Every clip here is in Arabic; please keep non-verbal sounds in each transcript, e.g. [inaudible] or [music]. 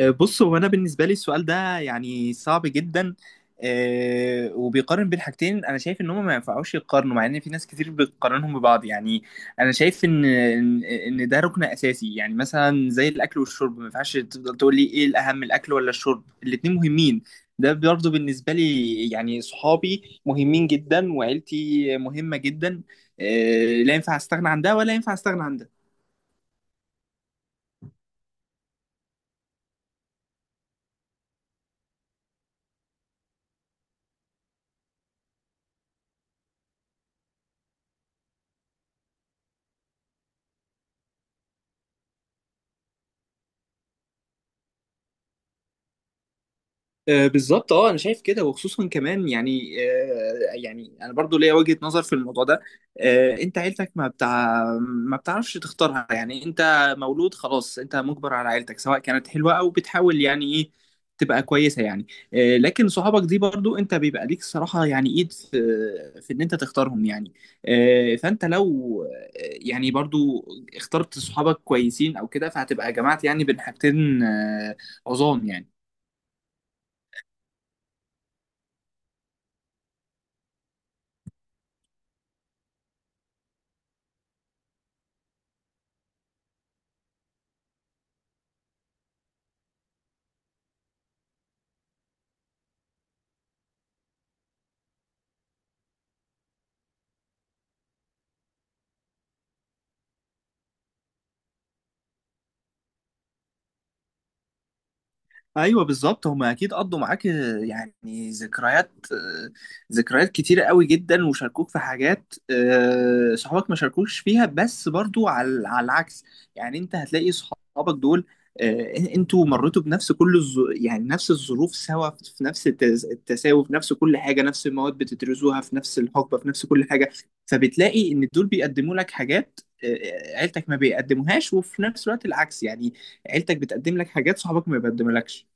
بص، هو انا بالنسبه لي السؤال ده يعني صعب جدا. وبيقارن بين حاجتين. انا شايف ان هم ما ينفعوش يقارنوا، مع ان في ناس كتير بتقارنهم ببعض يعني. انا شايف ان ان إن ده ركن اساسي، يعني مثلا زي الاكل والشرب، ما ينفعش تفضل تقول لي ايه الاهم، الاكل ولا الشرب؟ الاتنين مهمين. ده برضه بالنسبه لي، يعني صحابي مهمين جدا وعيلتي مهمه جدا. لا ينفع استغنى عن ده ولا ينفع استغنى عن ده. بالظبط، اه انا شايف كده، وخصوصا كمان يعني. يعني انا برضو ليا وجهة نظر في الموضوع ده. انت عيلتك ما بتعرفش تختارها، يعني انت مولود خلاص، انت مجبر على عيلتك، سواء كانت حلوة او بتحاول يعني ايه تبقى كويسة يعني. لكن صحابك دي برضو انت بيبقى ليك صراحة، يعني ايد في ان انت تختارهم يعني. فانت لو يعني برضو اخترت صحابك كويسين او كده، فهتبقى جمعت يعني بين حاجتين عظام يعني. ايوه بالظبط، هم اكيد قضوا معاك يعني ذكريات كتيره قوي جدا، وشاركوك في حاجات صحابك ما شاركوش فيها. بس برضو على العكس يعني، انت هتلاقي صحابك دول انتوا مريتوا بنفس يعني نفس الظروف سوا، في نفس التساوي، في نفس كل حاجه، نفس المواد بتدرسوها، في نفس الحقبه، في نفس كل حاجه. فبتلاقي ان دول بيقدموا لك حاجات عيلتك ما بيقدموهاش، وفي نفس الوقت العكس يعني، عيلتك بتقدم لك حاجات صحابك ما بيقدملكش.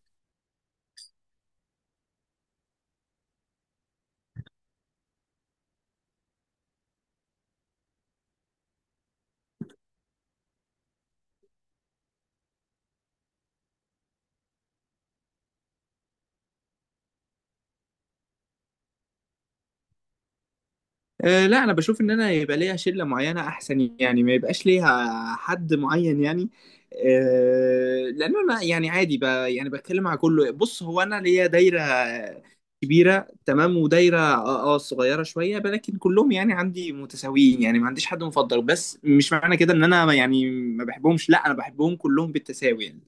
أه، لا انا بشوف ان انا يبقى ليا شله معينه احسن، يعني ما يبقاش ليها حد معين يعني. أه، لان انا يعني عادي، يعني بتكلم مع كله. بص، هو انا ليا دايره كبيره تمام، ودايره صغيره شويه، لكن كلهم يعني عندي متساويين، يعني ما عنديش حد مفضل. بس مش معنى كده ان انا يعني ما بحبهمش، لا انا بحبهم كلهم بالتساوي يعني.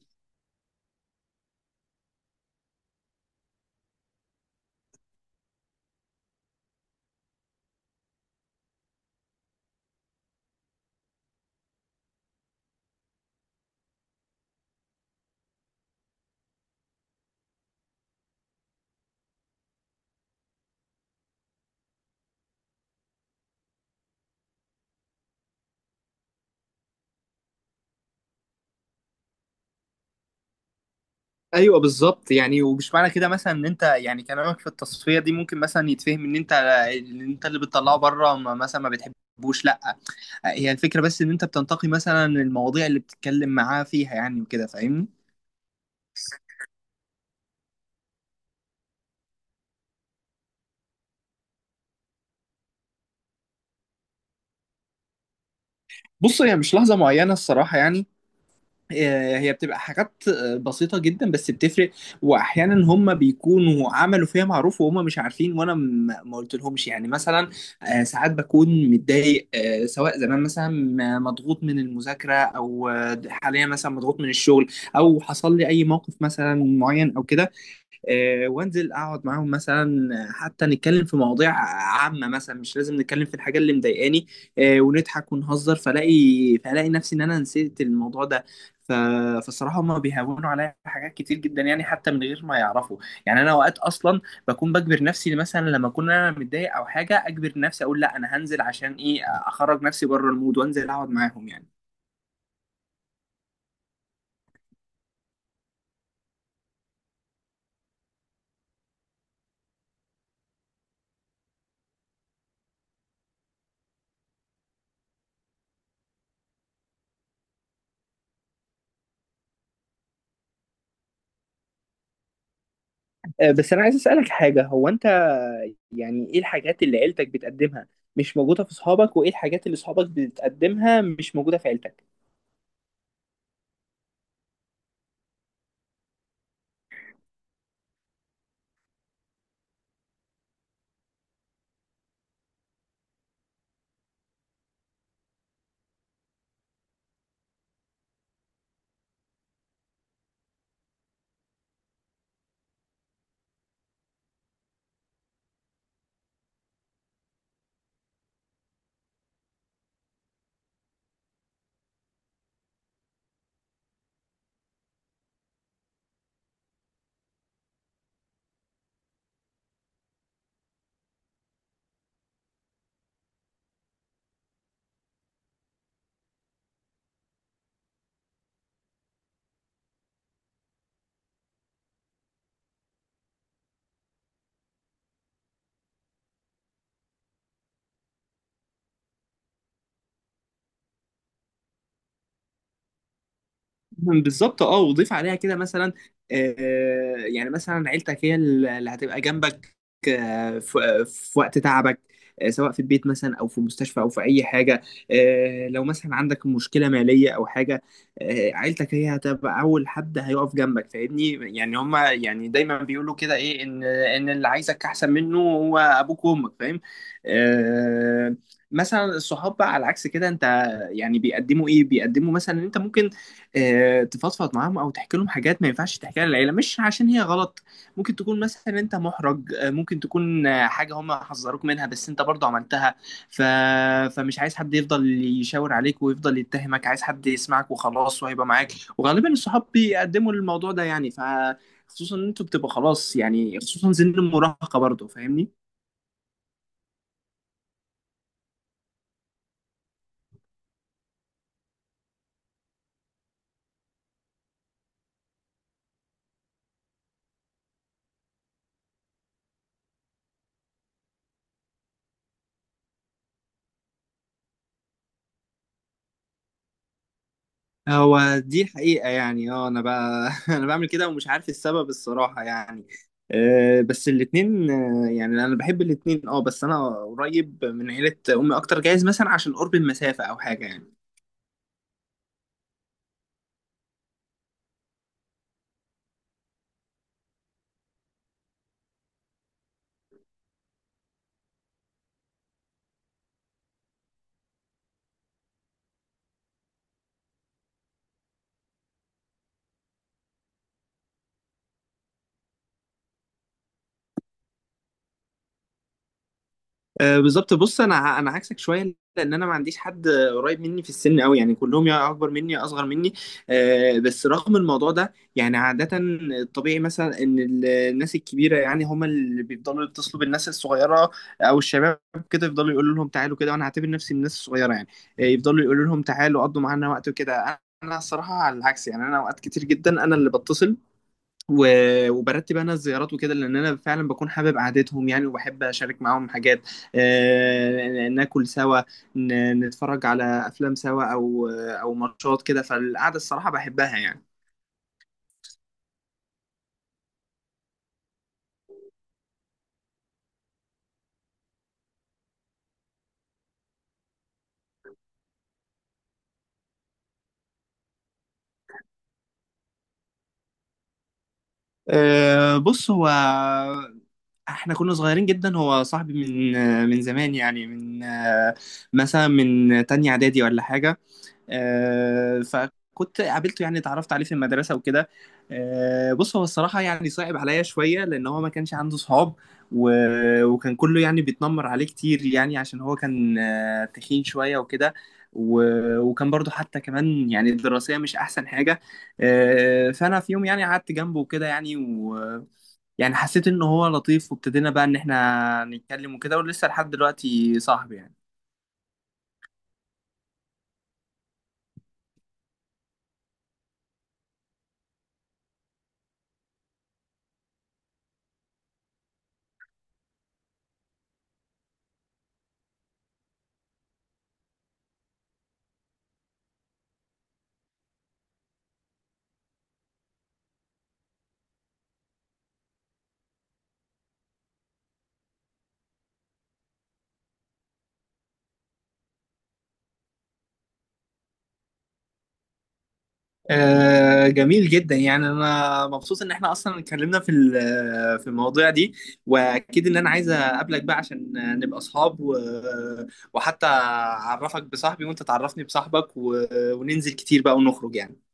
ايوه بالظبط، يعني ومش معنى كده مثلا ان انت، يعني كلامك في التصفيه دي ممكن مثلا يتفهم ان انت اللي بتطلعه بره، مثلا ما بتحبوش، لا. هي الفكره بس ان انت بتنتقي مثلا المواضيع اللي بتتكلم معاه فيها يعني، وكده فاهمني. بص، هي مش لحظه معينه الصراحه يعني. هي بتبقى حاجات بسيطة جدا، بس بتفرق. وأحيانا هم بيكونوا عملوا فيها معروف وهم مش عارفين، وأنا ما قلت لهمش يعني. مثلا، ساعات بكون متضايق، سواء زمان مثلا مضغوط من المذاكرة، أو حاليا مثلا مضغوط من الشغل، أو حصل لي أي موقف مثلا معين أو كده. وانزل اقعد معاهم، مثلا حتى نتكلم في مواضيع عامه، مثلا مش لازم نتكلم في الحاجه اللي مضايقاني. ونضحك ونهزر، فلاقي نفسي ان انا نسيت الموضوع ده. ف... فصراحة هما بيهونوا عليا حاجات كتير جدا يعني، حتى من غير ما يعرفوا. يعني أنا أوقات أصلا بكون بجبر نفسي، مثلا لما أكون أنا متضايق أو حاجة أجبر نفسي أقول لا، أنا هنزل، عشان إيه؟ أخرج نفسي بره المود وأنزل أقعد معاهم يعني. بس أنا عايز أسألك حاجة. هو أنت يعني ايه الحاجات اللي عيلتك بتقدمها مش موجودة في صحابك، وايه الحاجات اللي صحابك بتقدمها مش موجودة في عيلتك؟ بالظبط، وضيف عليها كده مثلا. يعني مثلا عيلتك هي اللي هتبقى جنبك، في وقت تعبك، سواء في البيت مثلا، او في مستشفى، او في اي حاجه. لو مثلا عندك مشكله ماليه او حاجه، عيلتك هي هتبقى اول حد هيقف جنبك، فاهمني. يعني هما يعني دايما بيقولوا كده ايه، ان اللي عايزك احسن منه هو ابوك وامك، فاهم. آه مثلا الصحاب بقى على العكس كده، انت يعني بيقدموا ايه، بيقدموا مثلا ان انت ممكن تفضفض معاهم او تحكي لهم حاجات ما ينفعش تحكيها للعيله، مش عشان هي غلط. ممكن تكون مثلا انت محرج، ممكن تكون حاجه هم حذروك منها بس انت برضه عملتها. ف... فمش عايز حد يفضل يشاور عليك ويفضل يتهمك، عايز حد يسمعك وخلاص وهيبقى معاك. وغالبا الصحاب بيقدموا الموضوع ده يعني، خصوصا ان انتوا بتبقى خلاص يعني، خصوصا سن المراهقه برضه، فاهمني. هو دي الحقيقة يعني، انا بقى [laughs] انا بعمل كده ومش عارف السبب الصراحة يعني. بس الاتنين، يعني انا بحب الاتنين، بس انا قريب من عيلة امي اكتر، جايز مثلا عشان قرب المسافة او حاجة يعني. بالظبط، بص انا انا عكسك شويه، لان انا ما عنديش حد قريب مني في السن قوي، يعني كلهم يا اكبر مني يا اصغر مني. بس رغم الموضوع ده يعني، عاده الطبيعي مثلا ان الناس الكبيره يعني هم اللي بيفضلوا يتصلوا بالناس الصغيره او الشباب، كده يفضلوا يقولوا لهم تعالوا كده، وانا هعتبر نفسي من الناس الصغيره يعني. يفضلوا يقولوا لهم تعالوا قضوا معانا وقت وكده. انا الصراحه على العكس يعني، انا اوقات كتير جدا انا اللي بتصل وبرتب انا الزيارات وكده، لان انا فعلا بكون حابب قعدتهم يعني، وبحب اشارك معاهم حاجات، ناكل سوا، نتفرج على افلام سوا، او ماتشات كده. فالقعده الصراحه بحبها يعني. بص، هو احنا كنا صغيرين جدا، هو صاحبي من من زمان يعني، من مثلا من تانية اعدادي ولا حاجه. فكنت قابلته، يعني اتعرفت عليه في المدرسة وكده. بص، هو الصراحة يعني صعب عليا شوية، لأن هو ما كانش عنده صحاب، وكان كله يعني بيتنمر عليه كتير، يعني عشان هو كان تخين شوية وكده، وكان برضو حتى كمان يعني الدراسية مش أحسن حاجة. فأنا في يوم يعني قعدت جنبه وكده، يعني يعني حسيت إن هو لطيف، وابتدينا بقى إن إحنا نتكلم وكده، ولسه لحد دلوقتي صاحبي يعني. جميل جدا، يعني انا مبسوط ان احنا اصلا اتكلمنا في في المواضيع دي، واكيد ان انا عايز اقابلك بقى عشان نبقى اصحاب وحتى اعرفك بصاحبي وانت تعرفني بصاحبك وننزل كتير بقى ونخرج يعني.